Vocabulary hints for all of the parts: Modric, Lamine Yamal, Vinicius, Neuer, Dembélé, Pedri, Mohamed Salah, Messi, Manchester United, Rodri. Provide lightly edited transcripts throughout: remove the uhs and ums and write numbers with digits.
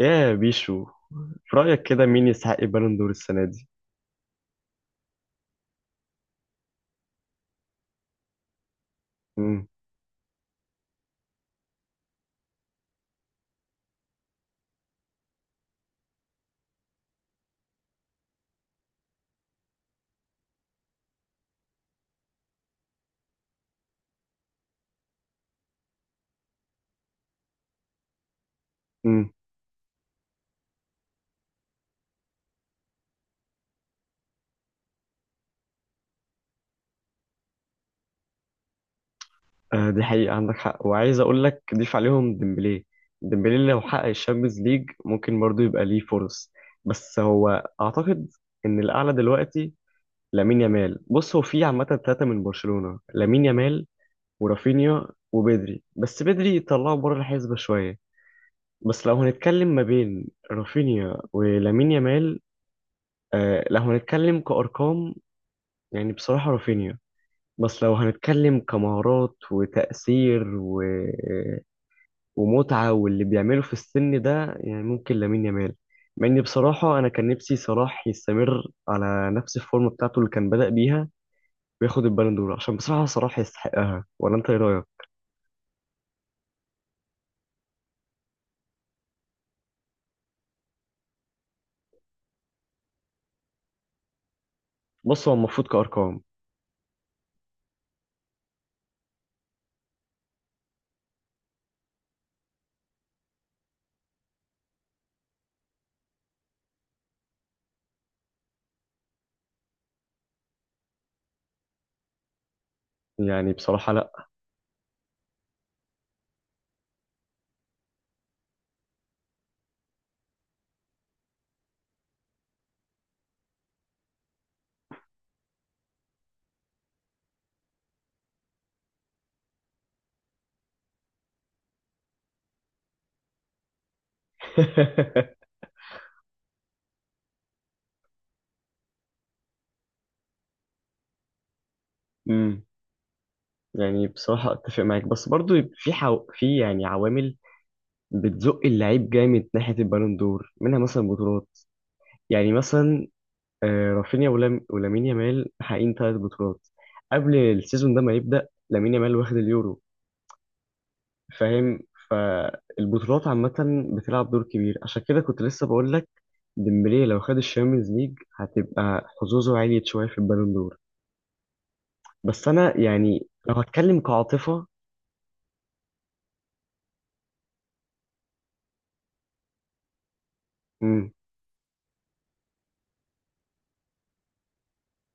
يا بيشو، في رأيك كده مين يستحق البالون دور السنة دي؟ مم. مم. آه، دي حقيقة، عندك حق. وعايز أقول لك ضيف عليهم ديمبلي. ديمبلي لو حقق الشامبيونز ليج ممكن برضه يبقى ليه فرص. بس هو أعتقد إن الأعلى دلوقتي لامين يامال. بص، هو في عامة ثلاثة من برشلونة: لامين يامال ورافينيا وبدري. بس بدري طلعه بره الحسبة شوية. بس لو هنتكلم ما بين رافينيا ولامين يامال، آه لو هنتكلم كأرقام يعني بصراحة رافينيا. بس لو هنتكلم كمهارات وتأثير ومتعة واللي بيعمله في السن ده، يعني ممكن لامين يامال. مع إني بصراحة أنا كان نفسي صلاح يستمر على نفس الفورم بتاعته اللي كان بدأ بيها وياخد البالون دور، عشان بصراحة صلاح يستحقها. ولا أنت إيه رأيك؟ بص، هو المفروض كأرقام. يعني بصراحة لأ. امم يعني بصراحة أتفق معاك، بس برضو في في يعني عوامل بتزق اللعيب جامد ناحية البالون دور، منها مثلا بطولات. يعني مثلا رافينيا ولام ولامين يامال حقين ثلاث بطولات قبل السيزون ده ما يبدأ. لامين يامال واخد اليورو، فاهم؟ فالبطولات عامة بتلعب دور كبير، عشان كده كنت لسه بقول لك ديمبلي لو خد الشامبيونز ليج هتبقى حظوظه عالية شوية في البالون دور. بس أنا يعني لو هتكلم كعاطفة. مم.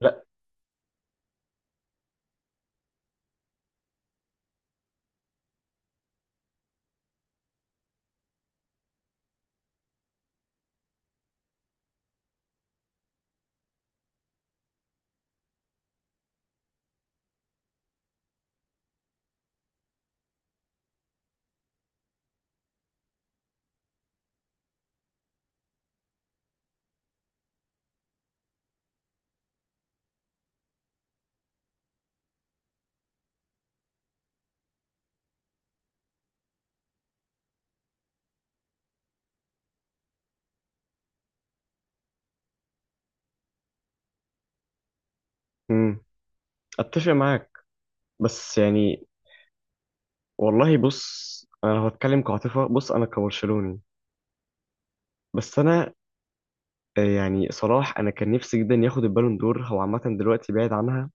لا مم. أتفق معاك بس يعني والله. بص، أنا لو هتكلم كعاطفة، بص أنا كبرشلوني. بس أنا يعني صلاح انا كان نفسي جدا ياخد البالون دور. هو عامه دلوقتي بعيد عنها،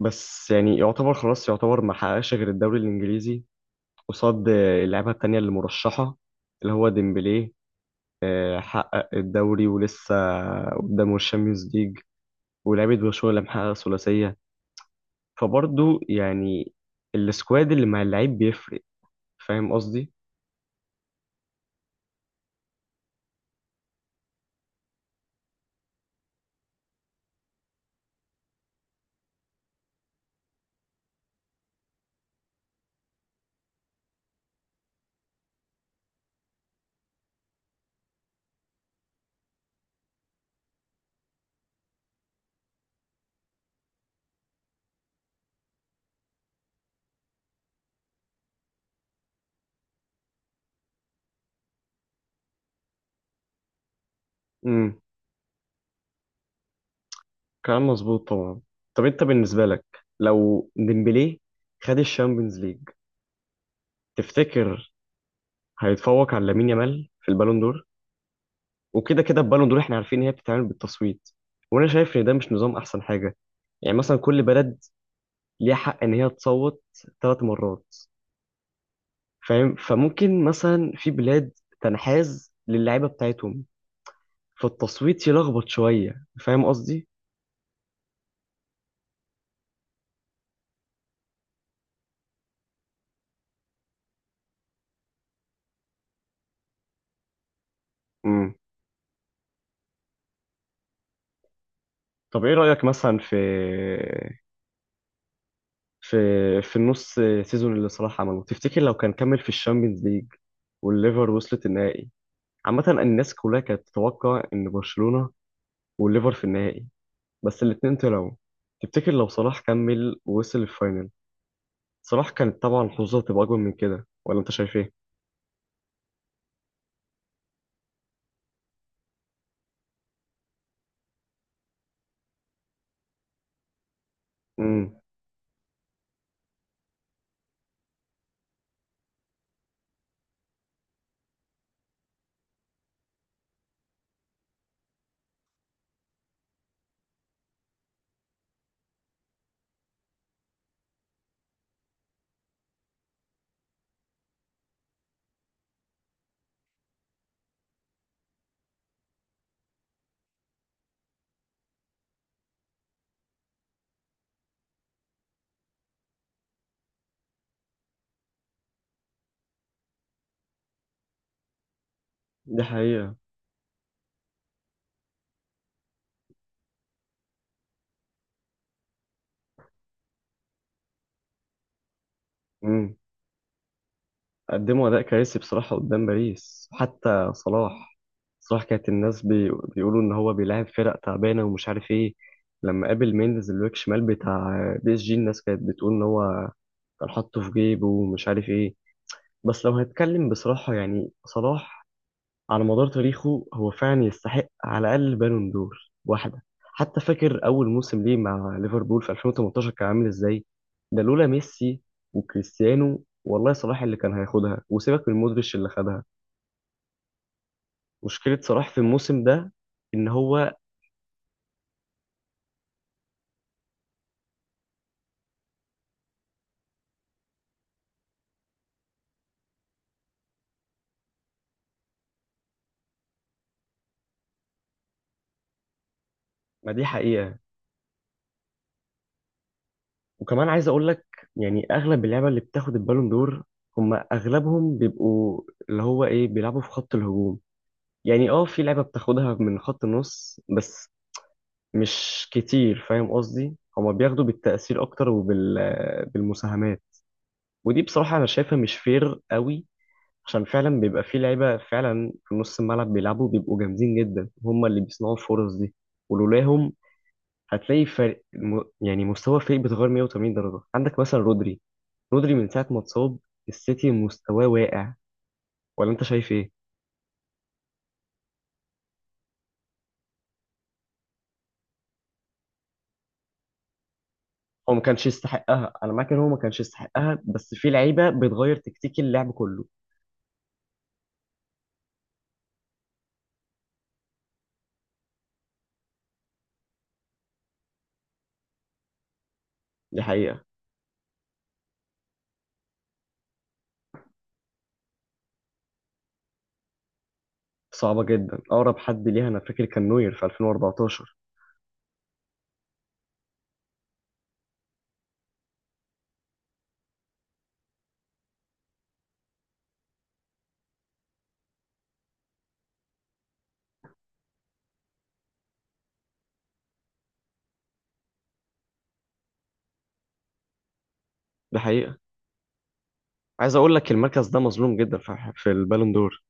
بس يعني يعتبر خلاص، يعتبر ما حققش غير الدوري الانجليزي قصاد اللعيبه التانيه اللي مرشحه، اللي هو ديمبلي. حقق الدوري ولسه قدامه الشامبيونز ليج، ولعيبه برشلونه اللي محققه ثلاثيه. فبرضه يعني السكواد اللي مع اللعيب بيفرق. فاهم قصدي؟ امم كلام مظبوط طبعا. طب انت بالنسبه لك لو ديمبلي خد الشامبيونز ليج، تفتكر هيتفوق على لامين يامال في البالون دور؟ وكده كده البالون دور احنا عارفين ان هي بتتعمل بالتصويت، وانا شايف ان ده مش نظام احسن حاجه. يعني مثلا كل بلد ليها حق ان هي تصوت ثلاث مرات، فاهم؟ فممكن مثلا في بلاد تنحاز للعيبه بتاعتهم، فالتصويت يلخبط شويه. فاهم قصدي؟ امم طب ايه رايك مثلا في في في النص سيزون اللي صلاح عمله؟ تفتكر لو كان كمل في الشامبيونز ليج والليفر وصلت النهائي؟ عامة الناس كلها كانت تتوقع إن برشلونة والليفر في النهائي، بس الاتنين طلعوا. تفتكر لو صلاح كمل ووصل الفاينل، صلاح كانت طبعا حظوظه تبقى أكبر من كده؟ ولا أنت شايف إيه؟ امم دي حقيقة. امم قدموا أداء كارثي بصراحة قدام باريس. حتى صلاح، صلاح كانت الناس بيقولوا إن هو بيلاعب فرق تعبانة ومش عارف إيه. لما قابل مينديز الباك شمال بتاع بي اس جي الناس كانت بتقول إن هو كان حاطه في جيبه ومش عارف إيه. بس لو هنتكلم بصراحة، يعني صلاح على مدار تاريخه هو فعلا يستحق على الأقل بالون دور واحدة. حتى فاكر أول موسم ليه مع ليفربول في 2018 كان عامل إزاي؟ ده لولا ميسي وكريستيانو والله صلاح اللي كان هياخدها، وسيبك من مودريتش اللي خدها. مشكلة صلاح في الموسم ده إن هو ما دي حقيقة. وكمان عايز أقول لك، يعني أغلب اللعبة اللي بتاخد البالون دور هم أغلبهم بيبقوا اللي هو إيه بيلعبوا في خط الهجوم. يعني اه في لعبة بتاخدها من خط النص بس مش كتير، فاهم قصدي؟ هما بياخدوا بالتأثير أكتر وبالمساهمات، ودي بصراحة أنا شايفها مش فير قوي، عشان فعلا بيبقى في لعيبة فعلا في نص الملعب بيلعبوا، بيبقوا جامدين جدا، هما اللي بيصنعوا الفرص دي. ولولاهم هتلاقي فرق يعني مستوى الفريق بيتغير 180 درجة. عندك مثلا رودري من ساعة ما اتصاب السيتي مستواه واقع. ولا أنت شايف إيه؟ هو ما كانش يستحقها، أنا معاك إن هو ما كانش يستحقها، بس في لعيبة بتغير تكتيك اللعب كله. دي حقيقة. صعبة جدا، أقرب حد ليها أنا فاكر كان نوير في 2014. ده حقيقة. عايز أقول لك المركز ده مظلوم جدا في البالون دور.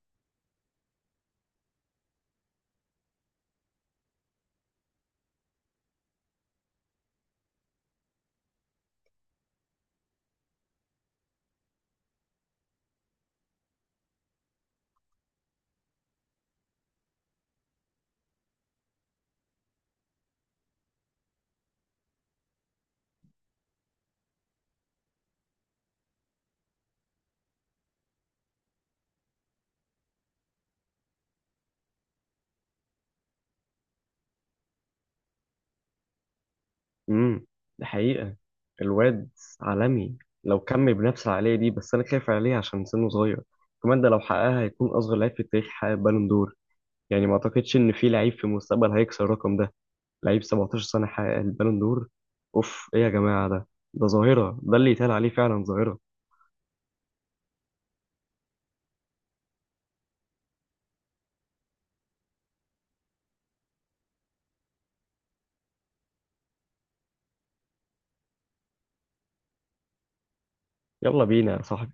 امم ده حقيقة. الواد عالمي، لو كمل بنفس العقلية دي. بس أنا خايف عليه عشان سنه صغير. كمان ده لو حققها هيكون أصغر لعيب في التاريخ حقق بالون دور. يعني ما أعتقدش إن في لعيب في المستقبل هيكسر الرقم ده. لعيب 17 سنة حقق البالون دور، أوف إيه يا جماعة ده! ده ظاهرة، ده اللي يتقال عليه فعلا ظاهرة. يلا بينا يا صاحبي.